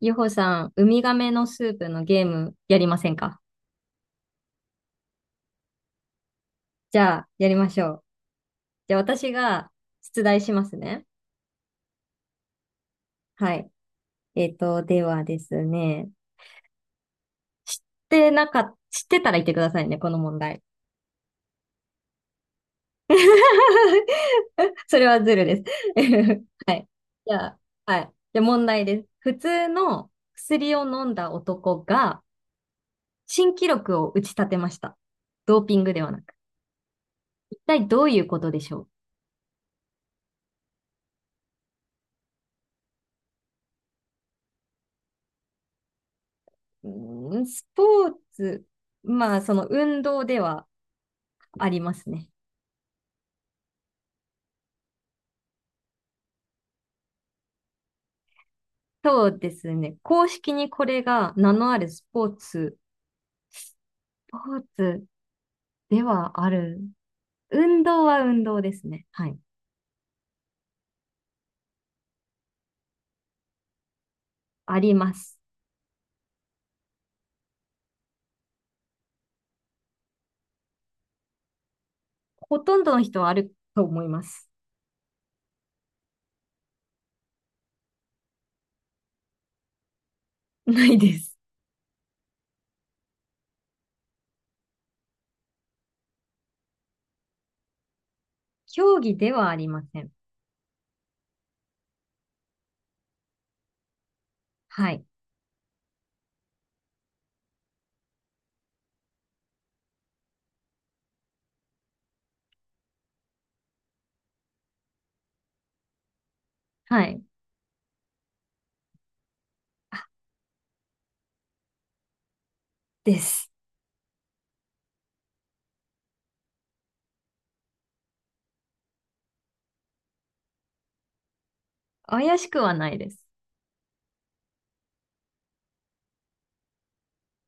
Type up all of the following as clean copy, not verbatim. ゆほさん、ウミガメのスープのゲームやりませんか？じゃあ、やりましょう。じゃあ、私が出題しますね。はい。ではですね、知っ知ってたら言ってくださいね、この問題。それはズルです。はい。じゃあ、はい。じゃあ、問題です。普通の薬を飲んだ男が新記録を打ち立てました。ドーピングではなく。一体どういうことでしょう？うん、スポーツ、まあ、その運動ではありますね。そうですね。公式にこれが名のあるスポーツ、スポーツではある。運動は運動ですね。はい。あります。ほとんどの人はあると思います。ないです。競技ではありません。はい。はい。あ、です。怪しくはないです。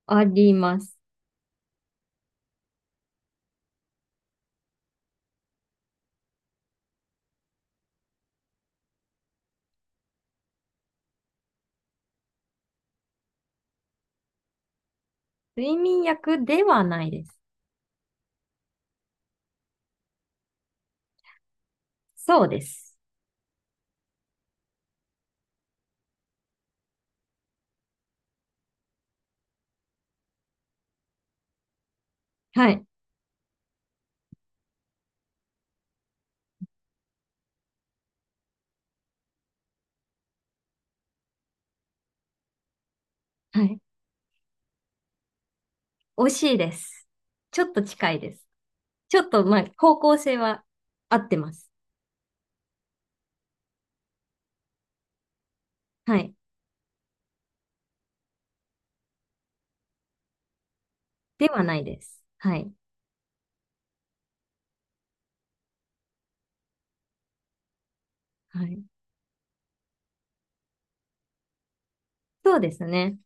あります。睡眠薬ではないです。そうです。はい。はい。惜しいです。ちょっと近いです。ちょっと、まあ、方向性は合ってます。はい。ではないです。はい。はい。そうですね。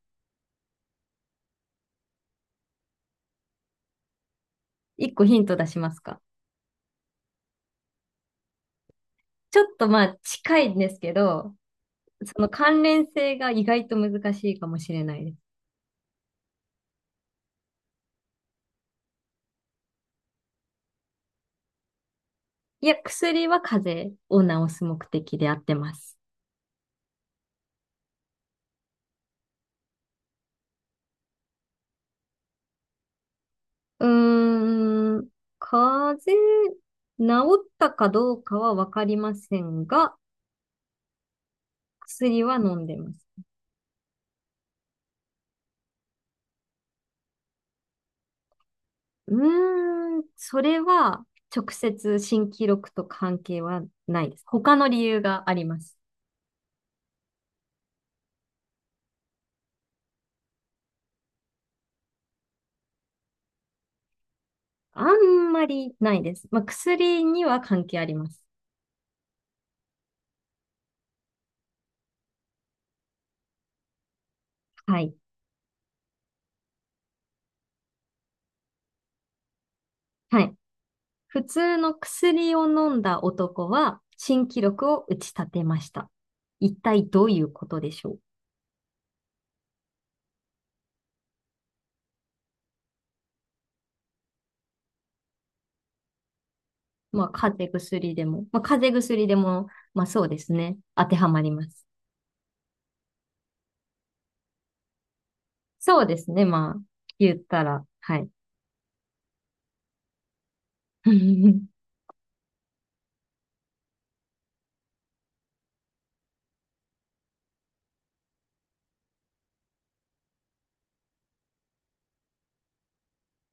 一個ヒント出しますか？ちょっとまあ、近いんですけど、その関連性が意外と難しいかもしれないです。いや、薬は風邪を治す目的であってます。うーん、風邪、治ったかどうかはわかりませんが、薬は飲んでます。それは直接新記録と関係はないです。他の理由があります。あんまりないです。まあ、薬には関係あります。はい。はい。普通の薬を飲んだ男は新記録を打ち立てました。一体どういうことでしょう？まあ、風邪薬でも、まあそうですね。当てはまります。そうですね。まあ、言ったら、はい。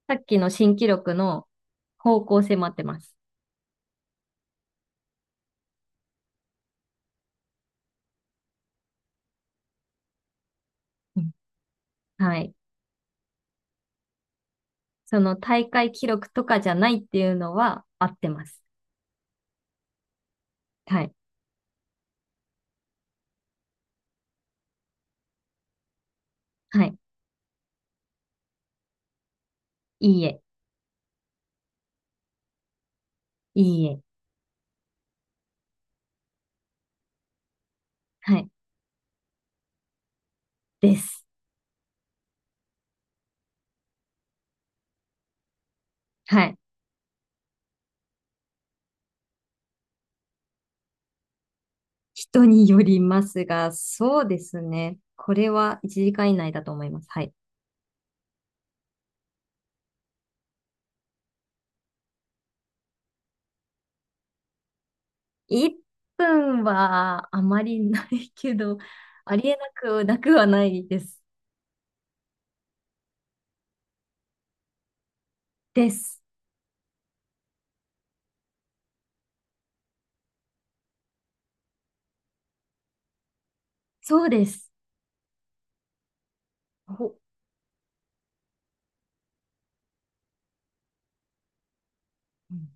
さっきの新記録の方向性も合ってます。うん。はい。その大会記録とかじゃないっていうのは合ってます。はい。はい。いいえ。いいえ。はい。です。はい。人によりますが、そうですね。これは1時間以内だと思います。はい。1分はあまりないけど、ありえなくなくはないです。です。そうです。お、うん。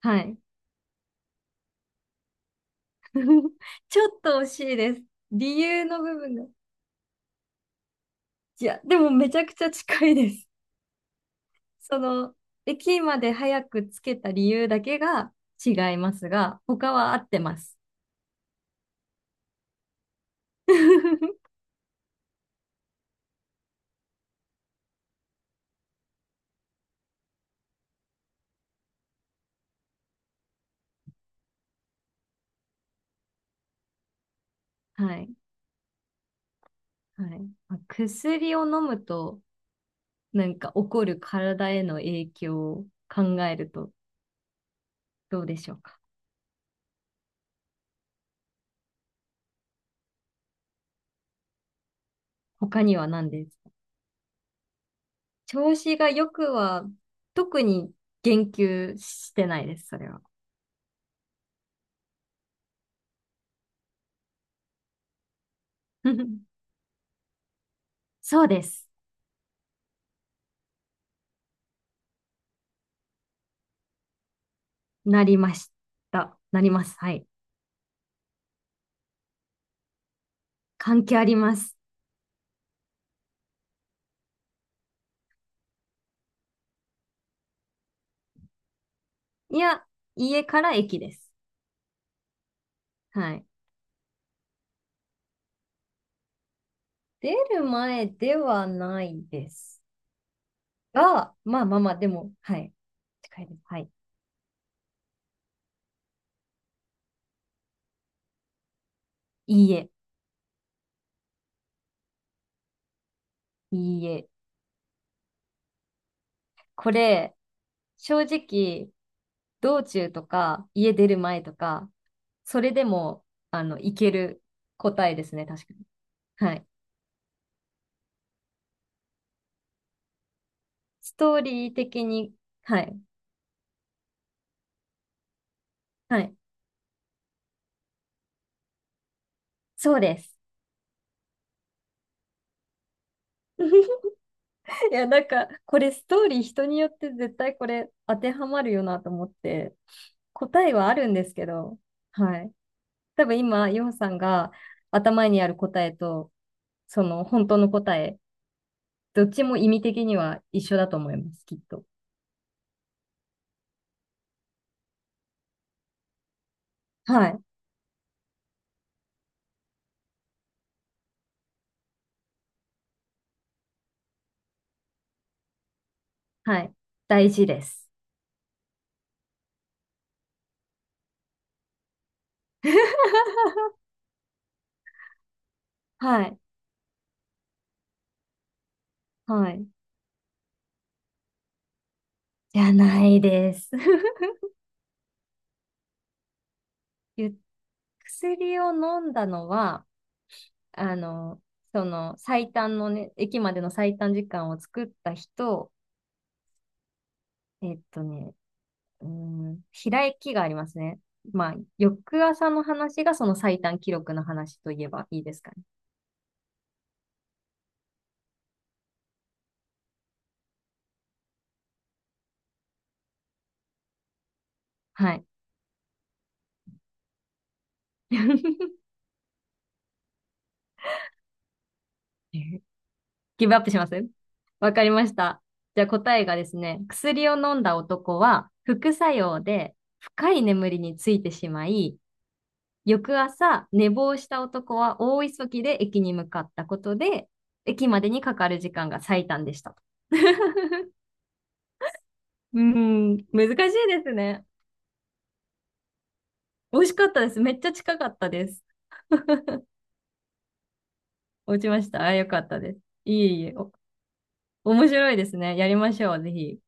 はい。ちょっと惜しいです。理由の部分が。いや、でもめちゃくちゃ近いです。その、駅まで早くつけた理由だけが違いますが、他は合ってます。はい。はい。まあ薬を飲むと、なんか起こる体への影響を考えるとどうでしょうか。他には何ですか？調子が良くは、特に言及してないです、それは。そうです。なりました。なります。はい。関係あります。いや、家から駅です。はい。出る前ではないですが、でも、はい。近いです。はい。いいえ、いいえ。これ、正直、道中とか、家出る前とか、それでも、あの、いける答えですね、確かに。はい。ストーリー的に、はい。はい。そうです。いや、なんか、これストーリー人によって絶対これ当てはまるよなと思って、答えはあるんですけど、はい。多分今、ヨウさんが頭にある答えと、その本当の答え、どっちも意味的には一緒だと思います、きっと。はい。はい。大事です。はい。はい。じゃないです。ゆ薬を飲んだのは、あの、その最短のね、駅までの最短時間を作った人、えっとね、うーん、開きがありますね。まあ、翌朝の話がその最短記録の話といえばいいですかね。はい。ギブアップします。わかりました。じゃあ答えがですね、薬を飲んだ男は副作用で深い眠りについてしまい、翌朝寝坊した男は大急ぎで駅に向かったことで、駅までにかかる時間が最短でした。うーん、難しいですね。美味しかったです。めっちゃ近かったです。落ちました。あ、よかったです。いえいえ、お面白いですね。やりましょう、ぜひ。